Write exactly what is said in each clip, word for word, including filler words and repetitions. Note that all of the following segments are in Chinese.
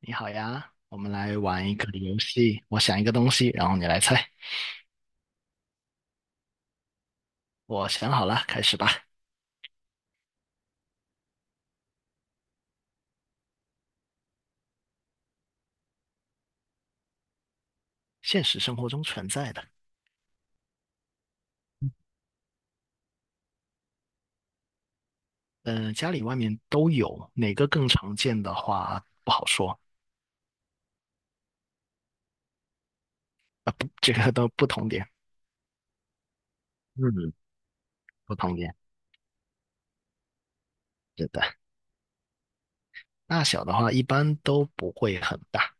你好呀，我们来玩一个游戏。我想一个东西，然后你来猜。我想好了，开始吧。现实生活中存在的，嗯、家里外面都有，哪个更常见的话不好说。啊、不，这个都不同点。嗯，不同点，是的。大小的话一般都不会很大。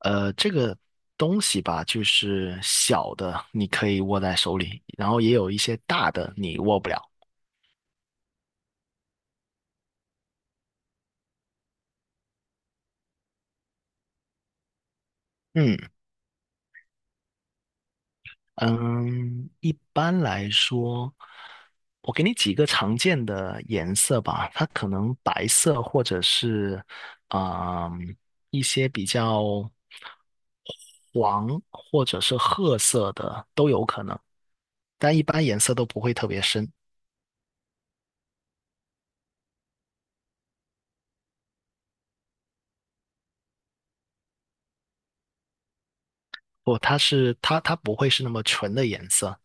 呃，这个东西吧，就是小的你可以握在手里，然后也有一些大的你握不了。嗯，嗯，一般来说，我给你几个常见的颜色吧，它可能白色或者是嗯一些比较黄或者是褐色的都有可能，但一般颜色都不会特别深。不，它是它它不会是那么纯的颜色。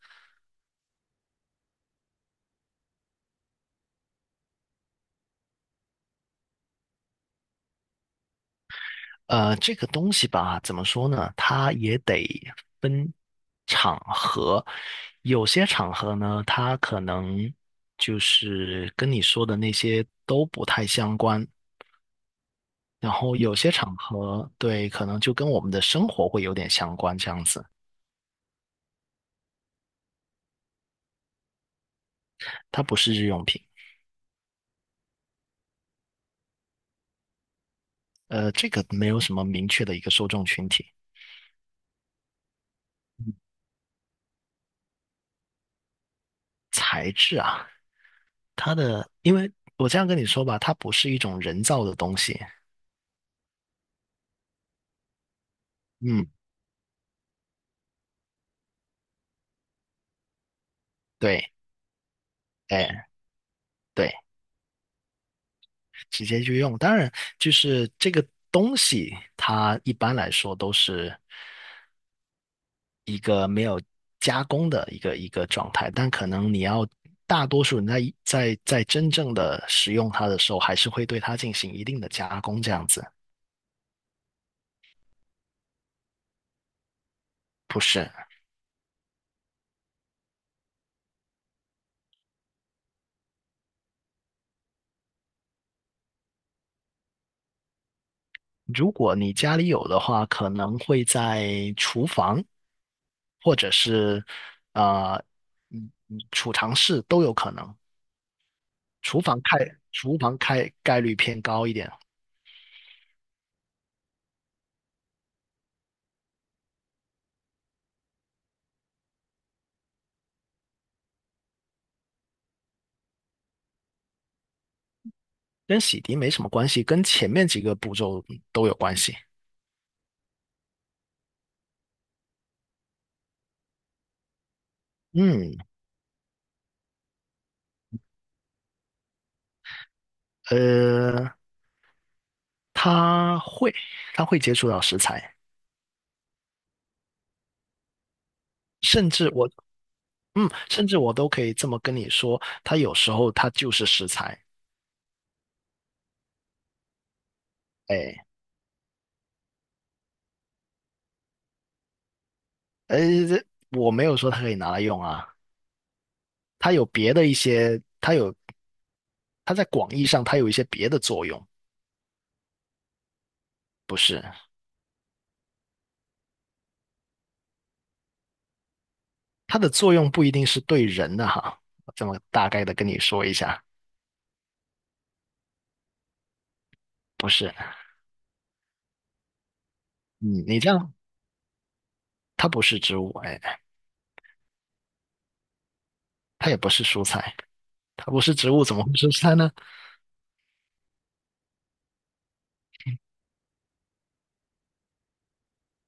呃，这个东西吧，怎么说呢？它也得分场合，有些场合呢，它可能就是跟你说的那些都不太相关，然后有些场合，对，可能就跟我们的生活会有点相关，这样子。它不是日用品。呃，这个没有什么明确的一个受众群体。嗯它的，因为我这样跟你说吧，它不是一种人造的东西。嗯，对，哎，对。直接就用。当然，就是这个东西，它一般来说都是一个没有加工的一个一个状态，但可能你要大多数人在在在真正的使用它的时候，还是会对它进行一定的加工，这样子。不是。如果你家里有的话，可能会在厨房，或者是呃，嗯嗯储藏室都有可能。厨房开，厨房开概率偏高一点。跟洗涤没什么关系，跟前面几个步骤都有关系。嗯，呃，他会，他会接触到食材。甚至我，嗯，甚至我都可以这么跟你说，他有时候他就是食材。哎，呃，我没有说它可以拿来用啊。它有别的一些，它有，它在广义上它有一些别的作用。不是。它的作用不一定是对人的哈，我这么大概的跟你说一下。不是，嗯，你这样，它不是植物，哎。它也不是蔬菜，它不是植物，怎么会是蔬菜呢？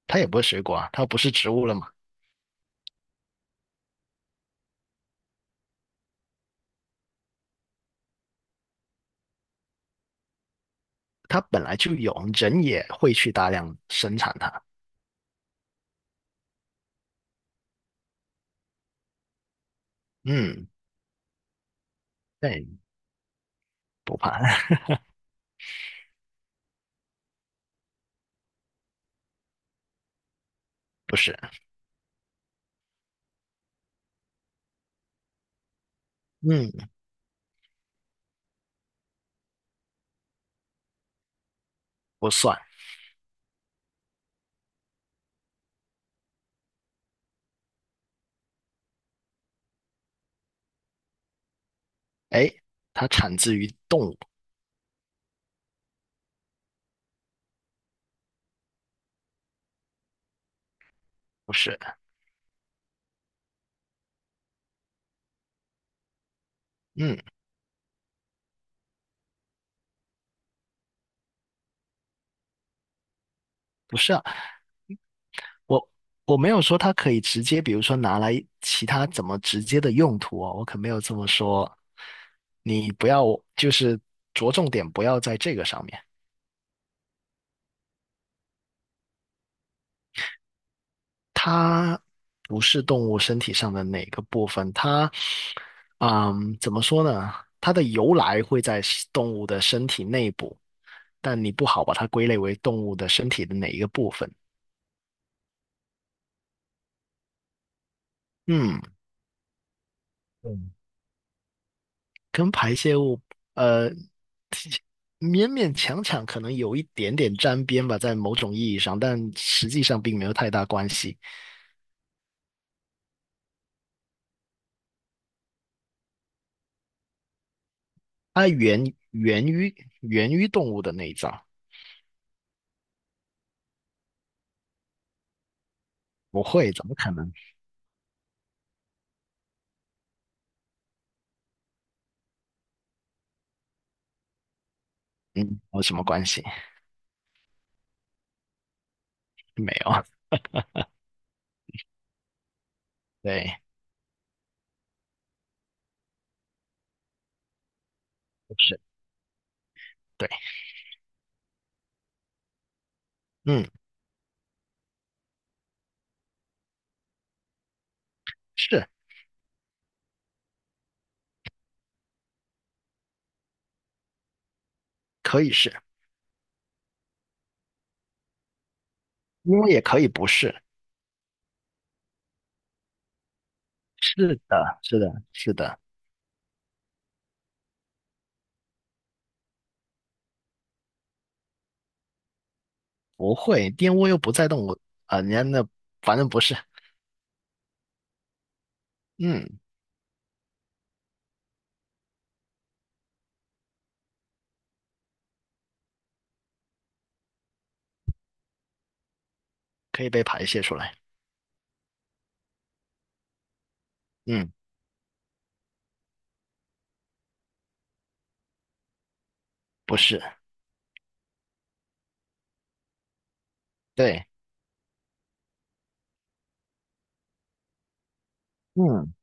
它也不是水果啊，它不是植物了嘛。它本来就有，人也会去大量生产它。嗯，对，不怕，不是，嗯，不算。哎，它产自于动物。不是，嗯，我我没有说它可以直接，比如说拿来其他怎么直接的用途哦，我可没有这么说。你不要，就是着重点不要在这个上面。它不是动物身体上的哪个部分。它，嗯，怎么说呢？它的由来会在是动物的身体内部，但你不好把它归类为动物的身体的哪一个部分。嗯，嗯跟排泄物，呃，勉勉强强可能有一点点沾边吧，在某种意义上，但实际上并没有太大关系。它源源于源于动物的内脏。不会，怎么可能？嗯，有什么关系？没有。对，是，对，嗯，是，可以是，因为也可以不是。是的，是的，是的。不会，玷污又不在动物。啊、人家那反正不是。嗯，可以被排泄出来。嗯，不是，对，嗯，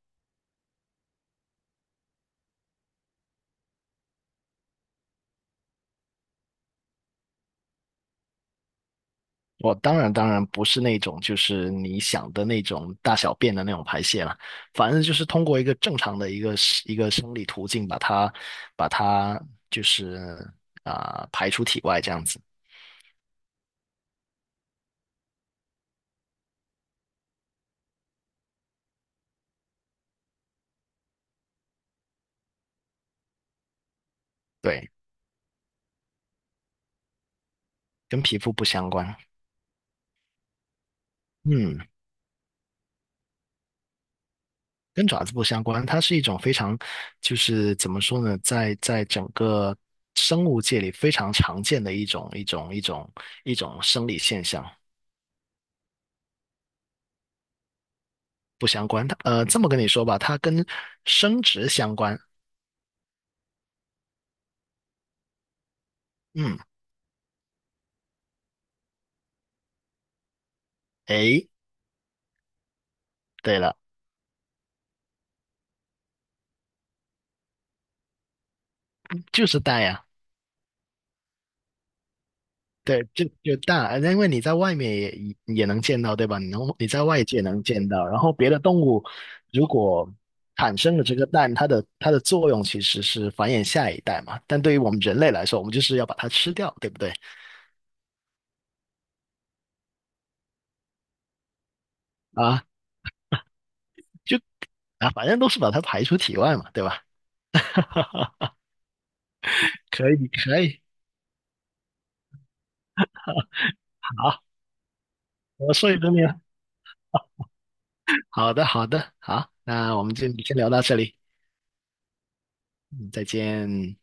我当然当然不是那种就是你想的那种大小便的那种排泄了。反正就是通过一个正常的一个一个生理途径把它把它就是啊、排出体外这样子。对，跟皮肤不相关。嗯。跟爪子不相关。它是一种非常，就是怎么说呢，在在整个生物界里非常常见的一种一种一种一种生理现象。不相关。它呃，这么跟你说吧，它跟生殖相关。嗯，诶，对了。就是带呀、对。就就大，因为你在外面也也也能见到，对吧？你能你在外界能见到，然后别的动物如果产生了这个蛋，它的它的作用其实是繁衍下一代嘛。但对于我们人类来说，我们就是要把它吃掉，对不对？啊，就啊，反正都是把它排出体外嘛，对吧？可以，可以。好，我说一个你。好的，好的，好，那我们就先聊到这里。嗯，再见。